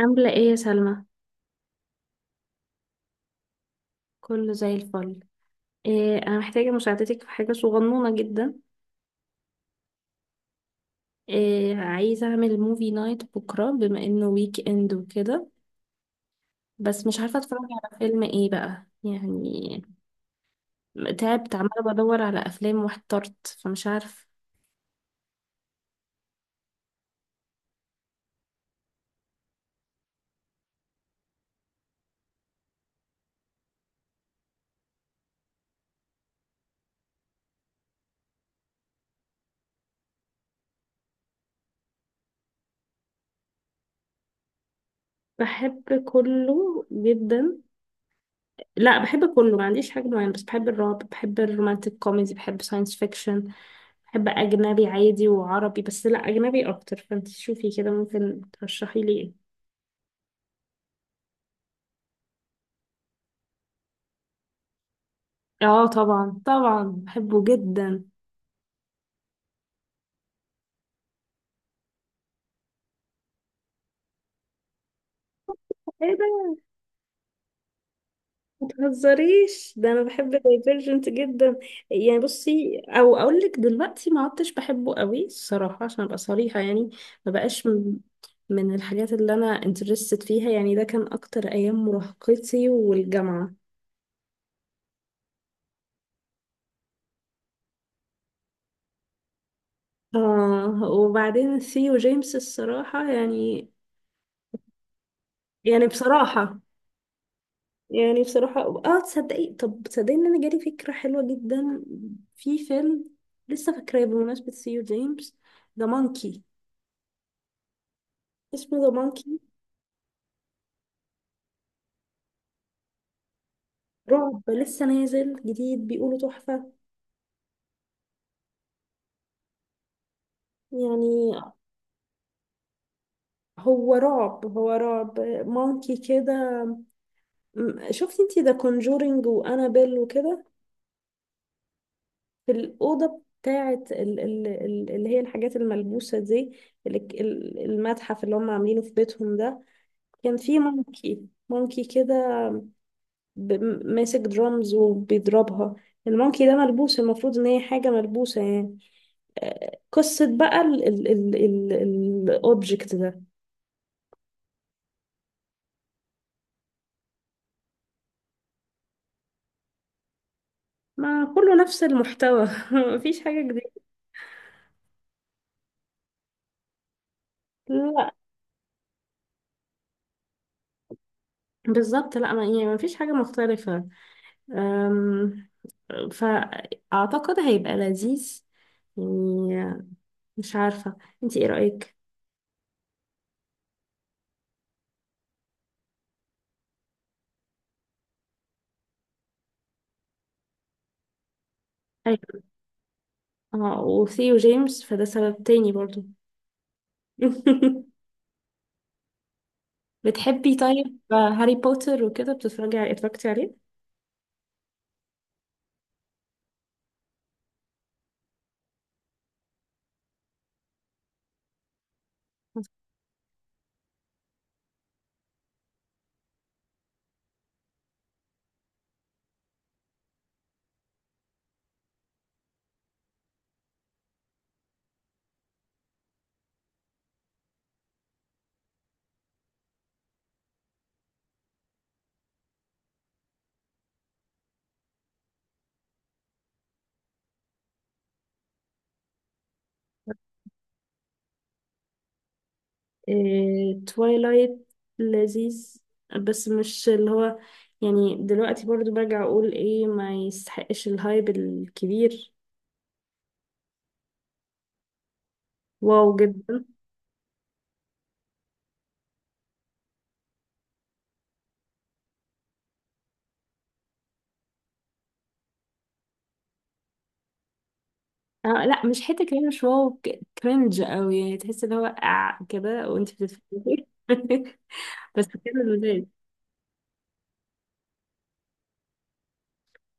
عاملة ايه يا سلمى؟ كله زي الفل. إيه انا محتاجة مساعدتك في حاجة صغنونة جدا. إيه عايزة اعمل موفي نايت بكرة بما انه ويك اند وكده. بس مش عارفة اتفرج على فيلم ايه بقى يعني. تعبت عمالة بدور على افلام واحترت فمش عارفة. بحب كله جدا. لا بحب كله ما عنديش حاجة معينة، بس بحب الرعب، بحب الرومانتك كوميدي، بحب ساينس فيكشن. بحب أجنبي عادي وعربي، بس لا أجنبي أكتر، فانت شوفي كده ممكن ترشحي لي إيه. اه طبعا طبعا بحبه جدا. ايه ده؟ ما تهزريش ده انا بحب دايفرجنت جدا. يعني بصي، او اقول لك دلوقتي ما عدتش بحبه قوي الصراحه، عشان ابقى صريحه يعني. ما بقاش من الحاجات اللي انا انترستد فيها، يعني ده كان اكتر ايام مراهقتي والجامعه. اه وبعدين ثيو جيمس الصراحه يعني، يعني بصراحه، يعني بصراحة. اه تصدقي، طب تصدقي ان انا جالي فكرة حلوة جدا في فيلم لسه فاكراه، بمناسبة سيو جيمس، ذا مونكي. اسمه ذا مونكي. رعب لسه نازل جديد، بيقولوا تحفة يعني. هو رعب، هو رعب. مونكي كده. شفتي انتي ذا كونجورينج وانابيل وكده، في الأوضة بتاعة اللي هي الحاجات الملبوسة دي، المتحف اللي هم عاملينه في بيتهم ده، كان في مونكي مونكي كده ماسك درامز وبيضربها. المونكي ده ملبوس، المفروض ان هي حاجة ملبوسة يعني. قصة بقى الأوبجكت ده. ما كله نفس المحتوى. مفيش حاجة جديدة. لا بالظبط، لا ما يعني مفيش حاجة مختلفة. أم، فأعتقد هيبقى لذيذ يعني، مش عارفة. انتي ايه رأيك؟ أيوة. اه وثيو جيمس فده سبب تاني برضو. بتحبي طيب هاري بوتر وكده؟ بتتفرجي اتفرجتي عليه؟ إيه، تويلايت لذيذ، بس مش اللي هو يعني، دلوقتي برضو برجع اقول ايه، ما يستحقش الهايب الكبير. واو جدا. آه لا مش حته كمان، مش واو، كرنج قوي يعني، تحس اللي هو آه كده وانت بتتفرجي. بس كده لذيذ.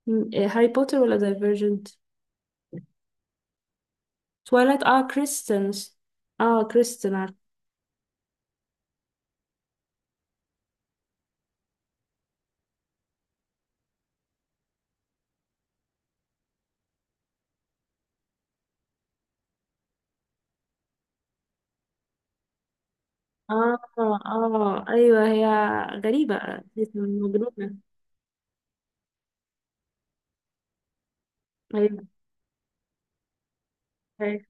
إيه، هاري بوتر ولا دايفرجنت؟ تويلايت، اه كريستنس، اه كريستن. اه اه ايوه هي غريبة. مجنونة. ايوه ايوه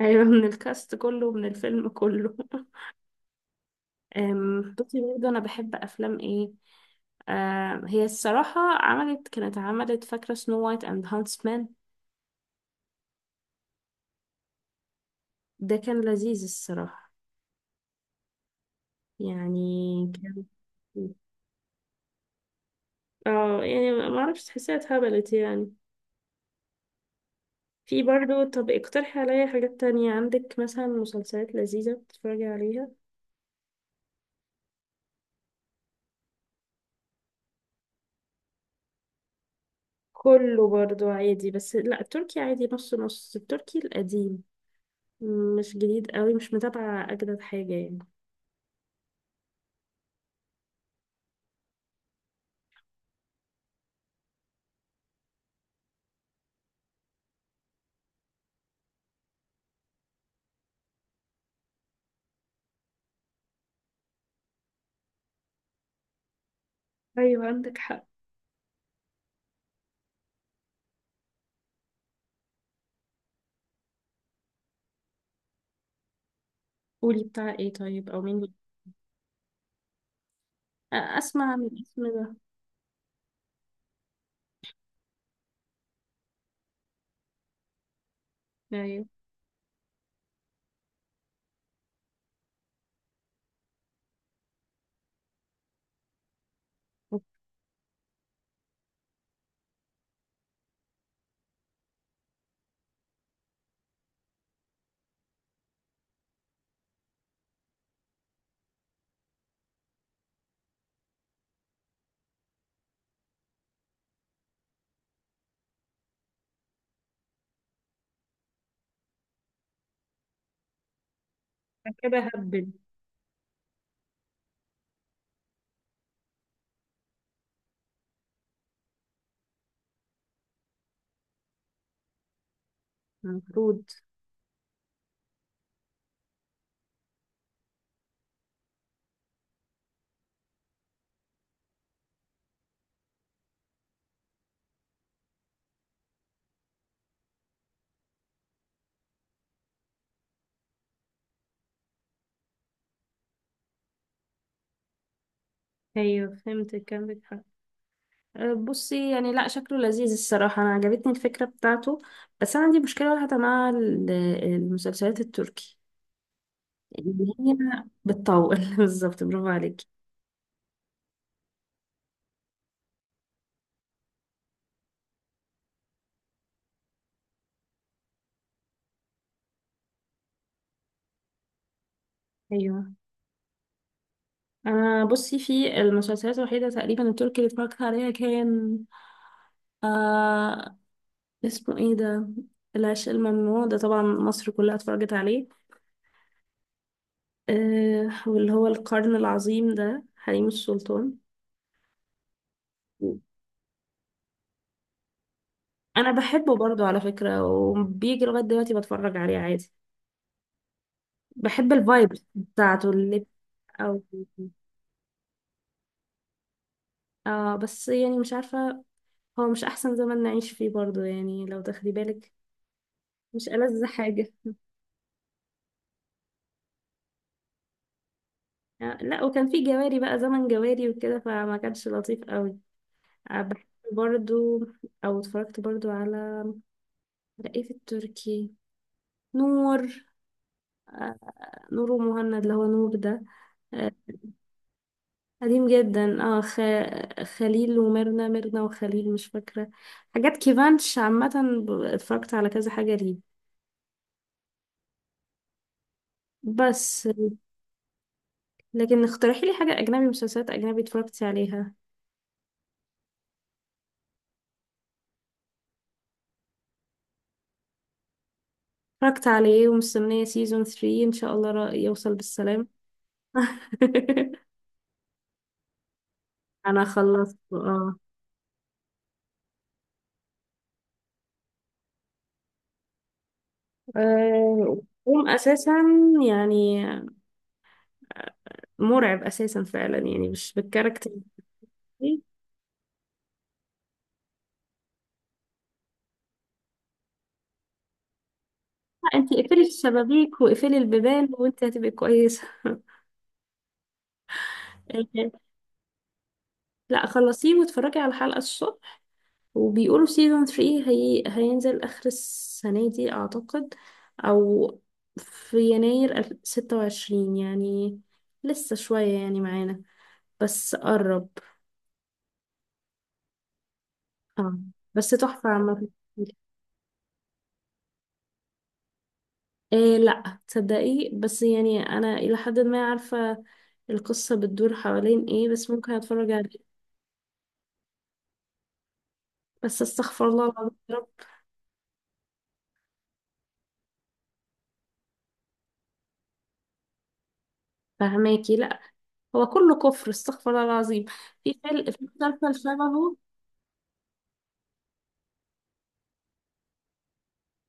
أيوة، من الكاست كله من الفيلم كله. بصي برضه انا بحب افلام ايه. هي الصراحة كانت عملت فاكرة سنو وايت اند هانسمان. ده كان لذيذ الصراحة يعني كان. اه يعني ما اعرفش تحسيها اتهبلت يعني. في برضه، طب اقترحي عليا حاجات تانية عندك، مثلا مسلسلات لذيذة بتتفرجي عليها. كله برضو عادي، بس لا التركي عادي، نص نص التركي القديم، مش جديد قوي، مش متابعة أجدد حاجة يعني. أيوة عندك حق. قولي بتاع ايه طيب، أو مين أسمع من الاسم ده. أيوه أنا كده هبل. المفروض. أيوه فهمتك عندك حق. بصي يعني، لا شكله لذيذ الصراحة، أنا عجبتني الفكرة بتاعته، بس أنا عندي مشكلة واحدة مع المسلسلات التركي، إن هي بتطول. بالظبط برافو عليكي. أيوه انا بصي، في المسلسلات الوحيده تقريبا التركي اللي اتفرجت عليها كان آه اسمه ايه ده، العشق الممنوع، ده طبعا مصر كلها اتفرجت عليه. آه واللي هو القرن العظيم ده حريم السلطان. انا بحبه برضو على فكرة، وبيجي لغاية دلوقتي بتفرج عليه عادي، بحب الفايب بتاعته اللي، او آه بس يعني مش عارفة، هو مش احسن زمن نعيش فيه برضو يعني لو تاخدي بالك. مش ألذ حاجة. لا، وكان في جواري بقى، زمن جواري وكده، فما كانش لطيف قوي. بحب برضو، او اتفرجت برضو على، على ايه في التركي، نور. نور ومهند اللي هو نور ده. أه، قديم جدا، اه خليل وميرنا، ميرنا وخليل مش فاكرة، حاجات كيفانش عامة، اتفرجت على كذا حاجة ليه. بس. لكن اقترحي لي حاجة أجنبي، مسلسلات أجنبي اتفرجتي عليها. اتفرجت عليه، ومستنية سيزون 3 إن شاء الله يوصل بالسلام. انا خلصت اه. آه، قوم اساسا يعني، مرعب اساسا فعلا، يعني مش بالكاركتر دي. لا انت اقفلي الشبابيك واقفلي البيبان وانت هتبقي كويسه. لا خلصيه واتفرجي على الحلقه الصبح. وبيقولوا سيزون 3 هينزل اخر السنه دي اعتقد، او في يناير 26 يعني، لسه شويه يعني معانا بس قرب. اه بس تحفه عامه. إيه لا تصدقي، بس يعني انا الى حد ما عارفه القصه بتدور حوالين ايه، بس ممكن اتفرج عليه. بس استغفر الله العظيم يا رب. فهماكي لا، هو كله كفر، استغفر الله العظيم. في فيلم، في مسلسل شبهه،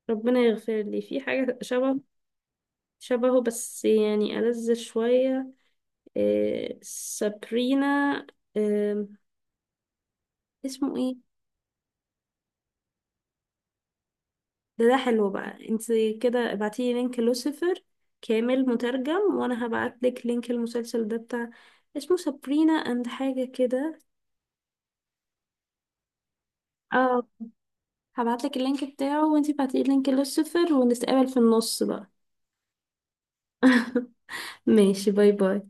ربنا يغفر لي، في حاجه شبه شبهه بس يعني ألذ شويه. إيه سابرينا، إيه اسمه ايه. ده حلو بقى، انت كده ابعتيلي لينك لوسيفر كامل مترجم، وانا هبعتلك لينك المسلسل ده بتاع، اسمه سابرينا اند حاجة كده. اه هبعتلك اللينك بتاعه، وانتي ابعتيلي لينك لوسيفر، ونتقابل في النص بقى. ماشي باي باي.